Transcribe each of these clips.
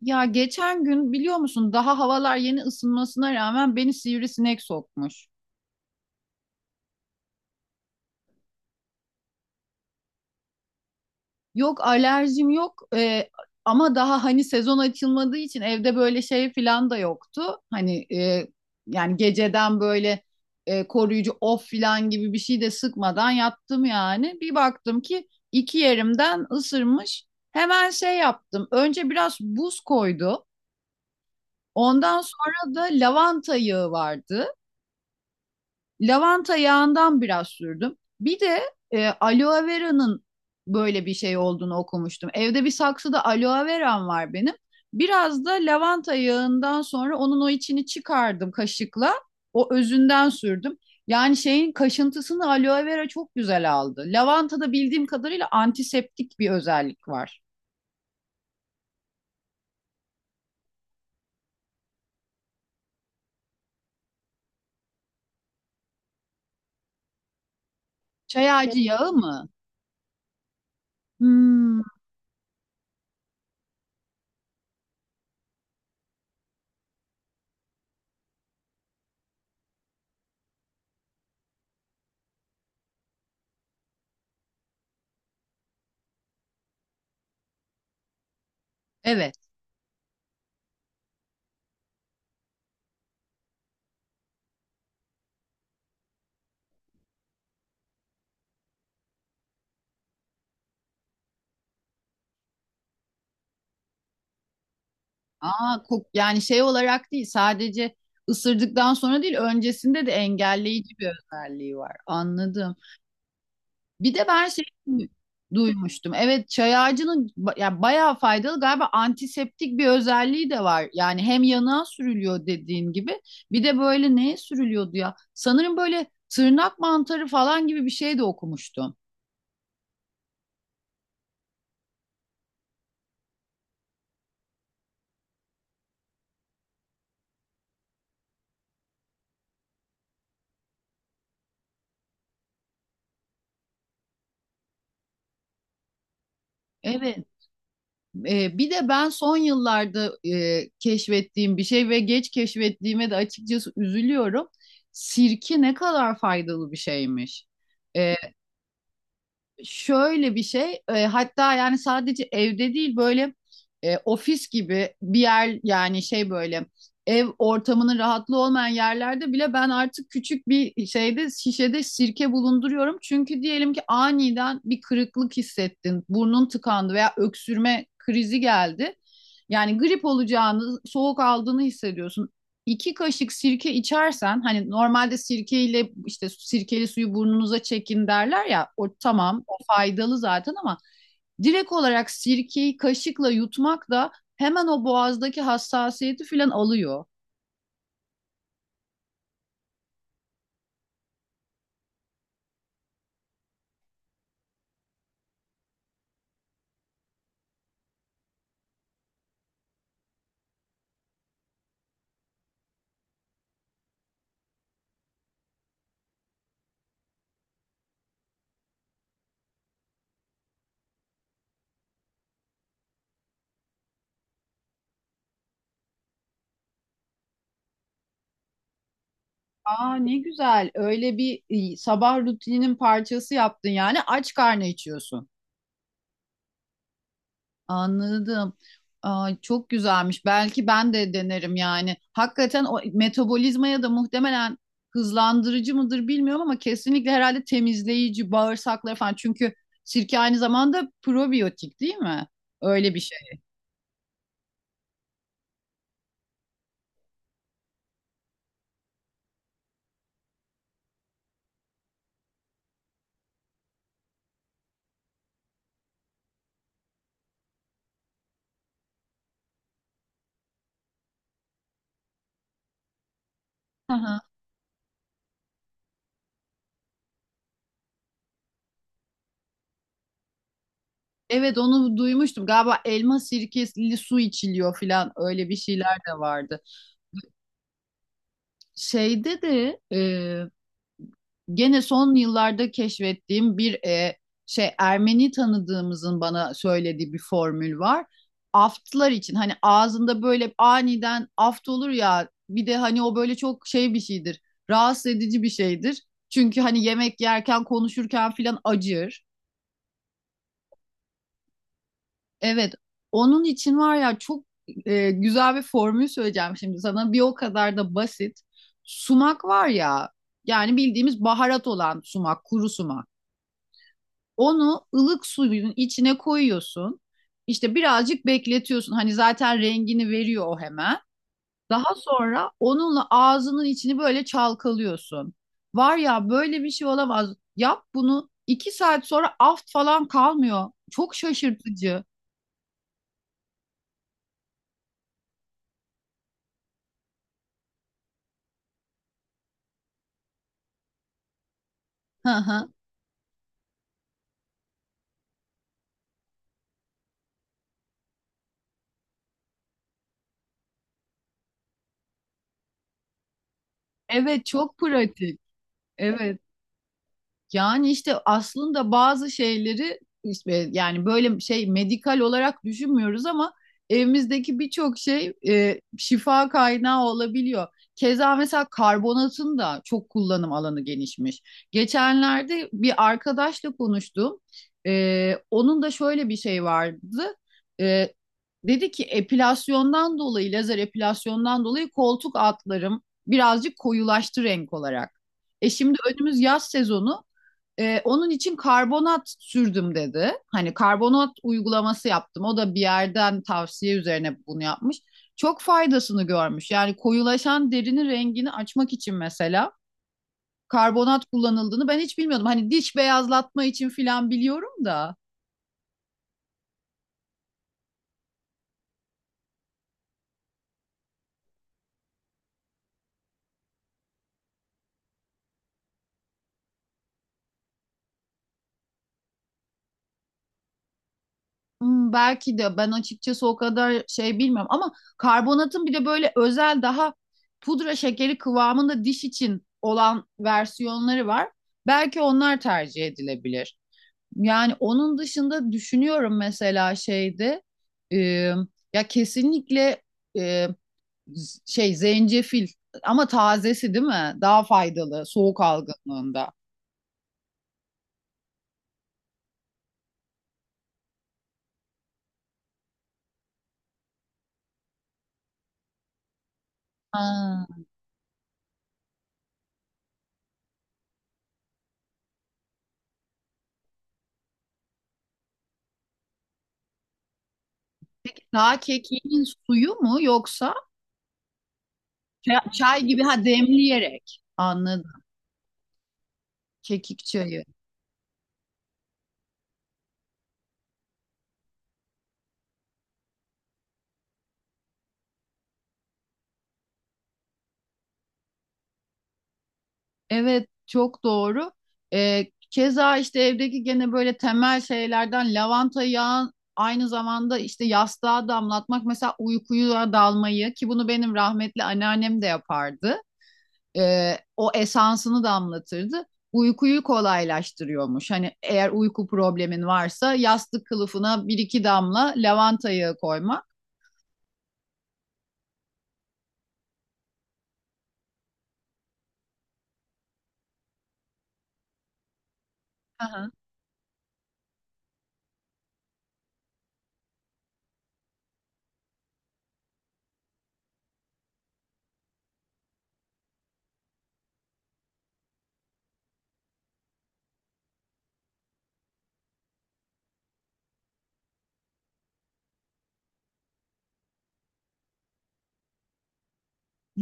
Ya geçen gün biliyor musun daha havalar yeni ısınmasına rağmen beni sivrisinek sokmuş. Yok alerjim yok, ama daha hani sezon açılmadığı için evde böyle şey filan da yoktu. Hani yani geceden böyle koruyucu of filan gibi bir şey de sıkmadan yattım yani. Bir baktım ki iki yerimden ısırmış. Hemen şey yaptım. Önce biraz buz koydu. Ondan sonra da lavanta yağı vardı. Lavanta yağından biraz sürdüm. Bir de aloe vera'nın böyle bir şey olduğunu okumuştum. Evde bir saksıda aloe veram var benim. Biraz da lavanta yağından sonra onun o içini çıkardım kaşıkla. O özünden sürdüm. Yani şeyin kaşıntısını aloe vera çok güzel aldı. Lavantada bildiğim kadarıyla antiseptik bir özellik var. Çay ağacı yağı mı? Hmm, evet. Aa, kok yani şey olarak değil sadece ısırdıktan sonra değil öncesinde de engelleyici bir özelliği var. Anladım. Bir de ben şey duymuştum. Evet çay ağacının ya bayağı faydalı galiba antiseptik bir özelliği de var. Yani hem yanığa sürülüyor dediğin gibi bir de böyle neye sürülüyordu ya? Sanırım böyle tırnak mantarı falan gibi bir şey de okumuştum. Evet. Bir de ben son yıllarda keşfettiğim bir şey ve geç keşfettiğime de açıkçası üzülüyorum. Sirke ne kadar faydalı bir şeymiş. E, Şöyle bir şey, hatta yani sadece evde değil böyle ofis gibi bir yer yani şey böyle ev ortamının rahatlığı olmayan yerlerde bile ben artık küçük bir şeyde şişede sirke bulunduruyorum. Çünkü diyelim ki aniden bir kırıklık hissettin, burnun tıkandı veya öksürme krizi geldi. Yani grip olacağını, soğuk aldığını hissediyorsun. İki kaşık sirke içersen hani normalde sirkeyle işte sirkeli suyu burnunuza çekin derler ya o tamam faydalı zaten ama direkt olarak sirkeyi kaşıkla yutmak da hemen o boğazdaki hassasiyeti filan alıyor. Aa ne güzel. Öyle bir sabah rutininin parçası yaptın yani aç karnı içiyorsun. Anladım. Aa, çok güzelmiş. Belki ben de denerim yani. Hakikaten o metabolizmaya da muhtemelen hızlandırıcı mıdır bilmiyorum ama kesinlikle herhalde temizleyici, bağırsakları falan. Çünkü sirke aynı zamanda probiyotik değil mi? Öyle bir şey. Evet onu duymuştum. Galiba elma sirkeli su içiliyor falan öyle bir şeyler de vardı. Şeyde de gene son yıllarda keşfettiğim bir şey Ermeni tanıdığımızın bana söylediği bir formül var. Aftlar için hani ağzında böyle aniden aft olur ya bir de hani o böyle çok şey bir şeydir. Rahatsız edici bir şeydir. Çünkü hani yemek yerken konuşurken filan acır. Evet, onun için var ya çok güzel bir formül söyleyeceğim şimdi sana. Bir o kadar da basit. Sumak var ya, yani bildiğimiz baharat olan sumak, kuru sumak. Onu ılık suyun içine koyuyorsun. İşte birazcık bekletiyorsun. Hani zaten rengini veriyor o hemen. Daha sonra onunla ağzının içini böyle çalkalıyorsun. Var ya böyle bir şey olamaz. Yap bunu iki saat sonra aft falan kalmıyor. Çok şaşırtıcı. Evet, çok pratik. Evet. Yani işte aslında bazı şeyleri işte yani böyle şey medikal olarak düşünmüyoruz ama evimizdeki birçok şey şifa kaynağı olabiliyor. Keza mesela karbonatın da çok kullanım alanı genişmiş. Geçenlerde bir arkadaşla konuştum. E, onun da şöyle bir şey vardı. E, Dedi ki epilasyondan dolayı, lazer epilasyondan dolayı koltuk altlarım birazcık koyulaştı renk olarak. E şimdi önümüz yaz sezonu. Onun için karbonat sürdüm dedi. Hani karbonat uygulaması yaptım. O da bir yerden tavsiye üzerine bunu yapmış. Çok faydasını görmüş. Yani koyulaşan derinin rengini açmak için mesela karbonat kullanıldığını ben hiç bilmiyordum. Hani diş beyazlatma için filan biliyorum da. Hmm, belki de ben açıkçası o kadar şey bilmiyorum ama karbonatın bir de böyle özel daha pudra şekeri kıvamında diş için olan versiyonları var. Belki onlar tercih edilebilir. Yani onun dışında düşünüyorum mesela şeyde e, ya kesinlikle e, şey zencefil ama tazesi değil mi? Daha faydalı soğuk algınlığında. Ha. Peki daha kekiğin suyu mu yoksa çay gibi ha demleyerek. Anladım. Kekik çayı. Evet, çok doğru. Ee, keza işte evdeki gene böyle temel şeylerden lavanta yağı aynı zamanda işte yastığa damlatmak mesela uykuya dalmayı ki bunu benim rahmetli anneannem de yapardı. O esansını damlatırdı. Uykuyu kolaylaştırıyormuş. Hani eğer uyku problemin varsa yastık kılıfına bir iki damla lavanta yağı koymak. Hı hı.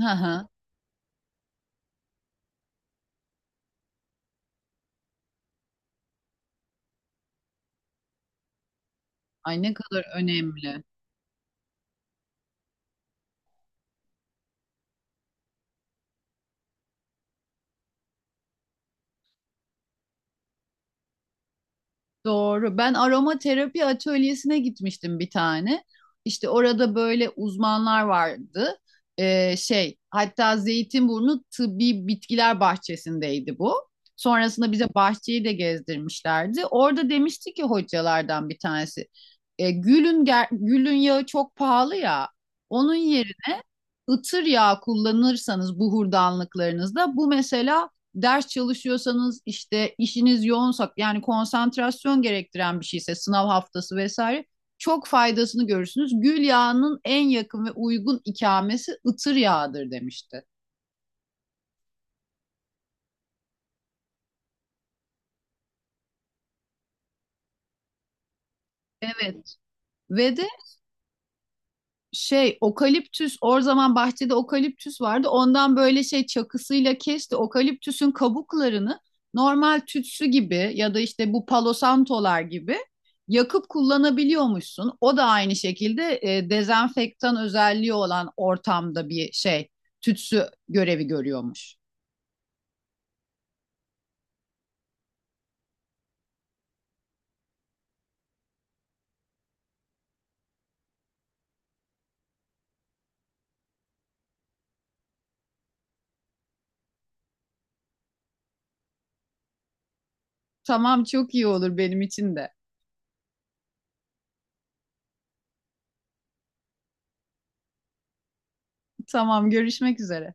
Hı hı. Ay ne kadar önemli. Doğru. Ben aromaterapi atölyesine gitmiştim bir tane. İşte orada böyle uzmanlar vardı. Şey, hatta Zeytinburnu Tıbbi Bitkiler Bahçesi'ndeydi bu. Sonrasında bize bahçeyi de gezdirmişlerdi. Orada demişti ki hocalardan bir tanesi, gülün gülün yağı çok pahalı ya. Onun yerine ıtır yağı kullanırsanız buhurdanlıklarınızda bu mesela ders çalışıyorsanız işte işiniz yoğunsa yani konsantrasyon gerektiren bir şeyse sınav haftası vesaire çok faydasını görürsünüz. Gül yağının en yakın ve uygun ikamesi ıtır yağıdır demişti. Evet. Ve de şey okaliptüs o zaman bahçede okaliptüs vardı. Ondan böyle şey çakısıyla kesti. Okaliptüsün kabuklarını normal tütsü gibi ya da işte bu palosantolar gibi yakıp kullanabiliyormuşsun. O da aynı şekilde dezenfektan özelliği olan ortamda bir şey tütsü görevi görüyormuş. Tamam çok iyi olur benim için de. Tamam görüşmek üzere.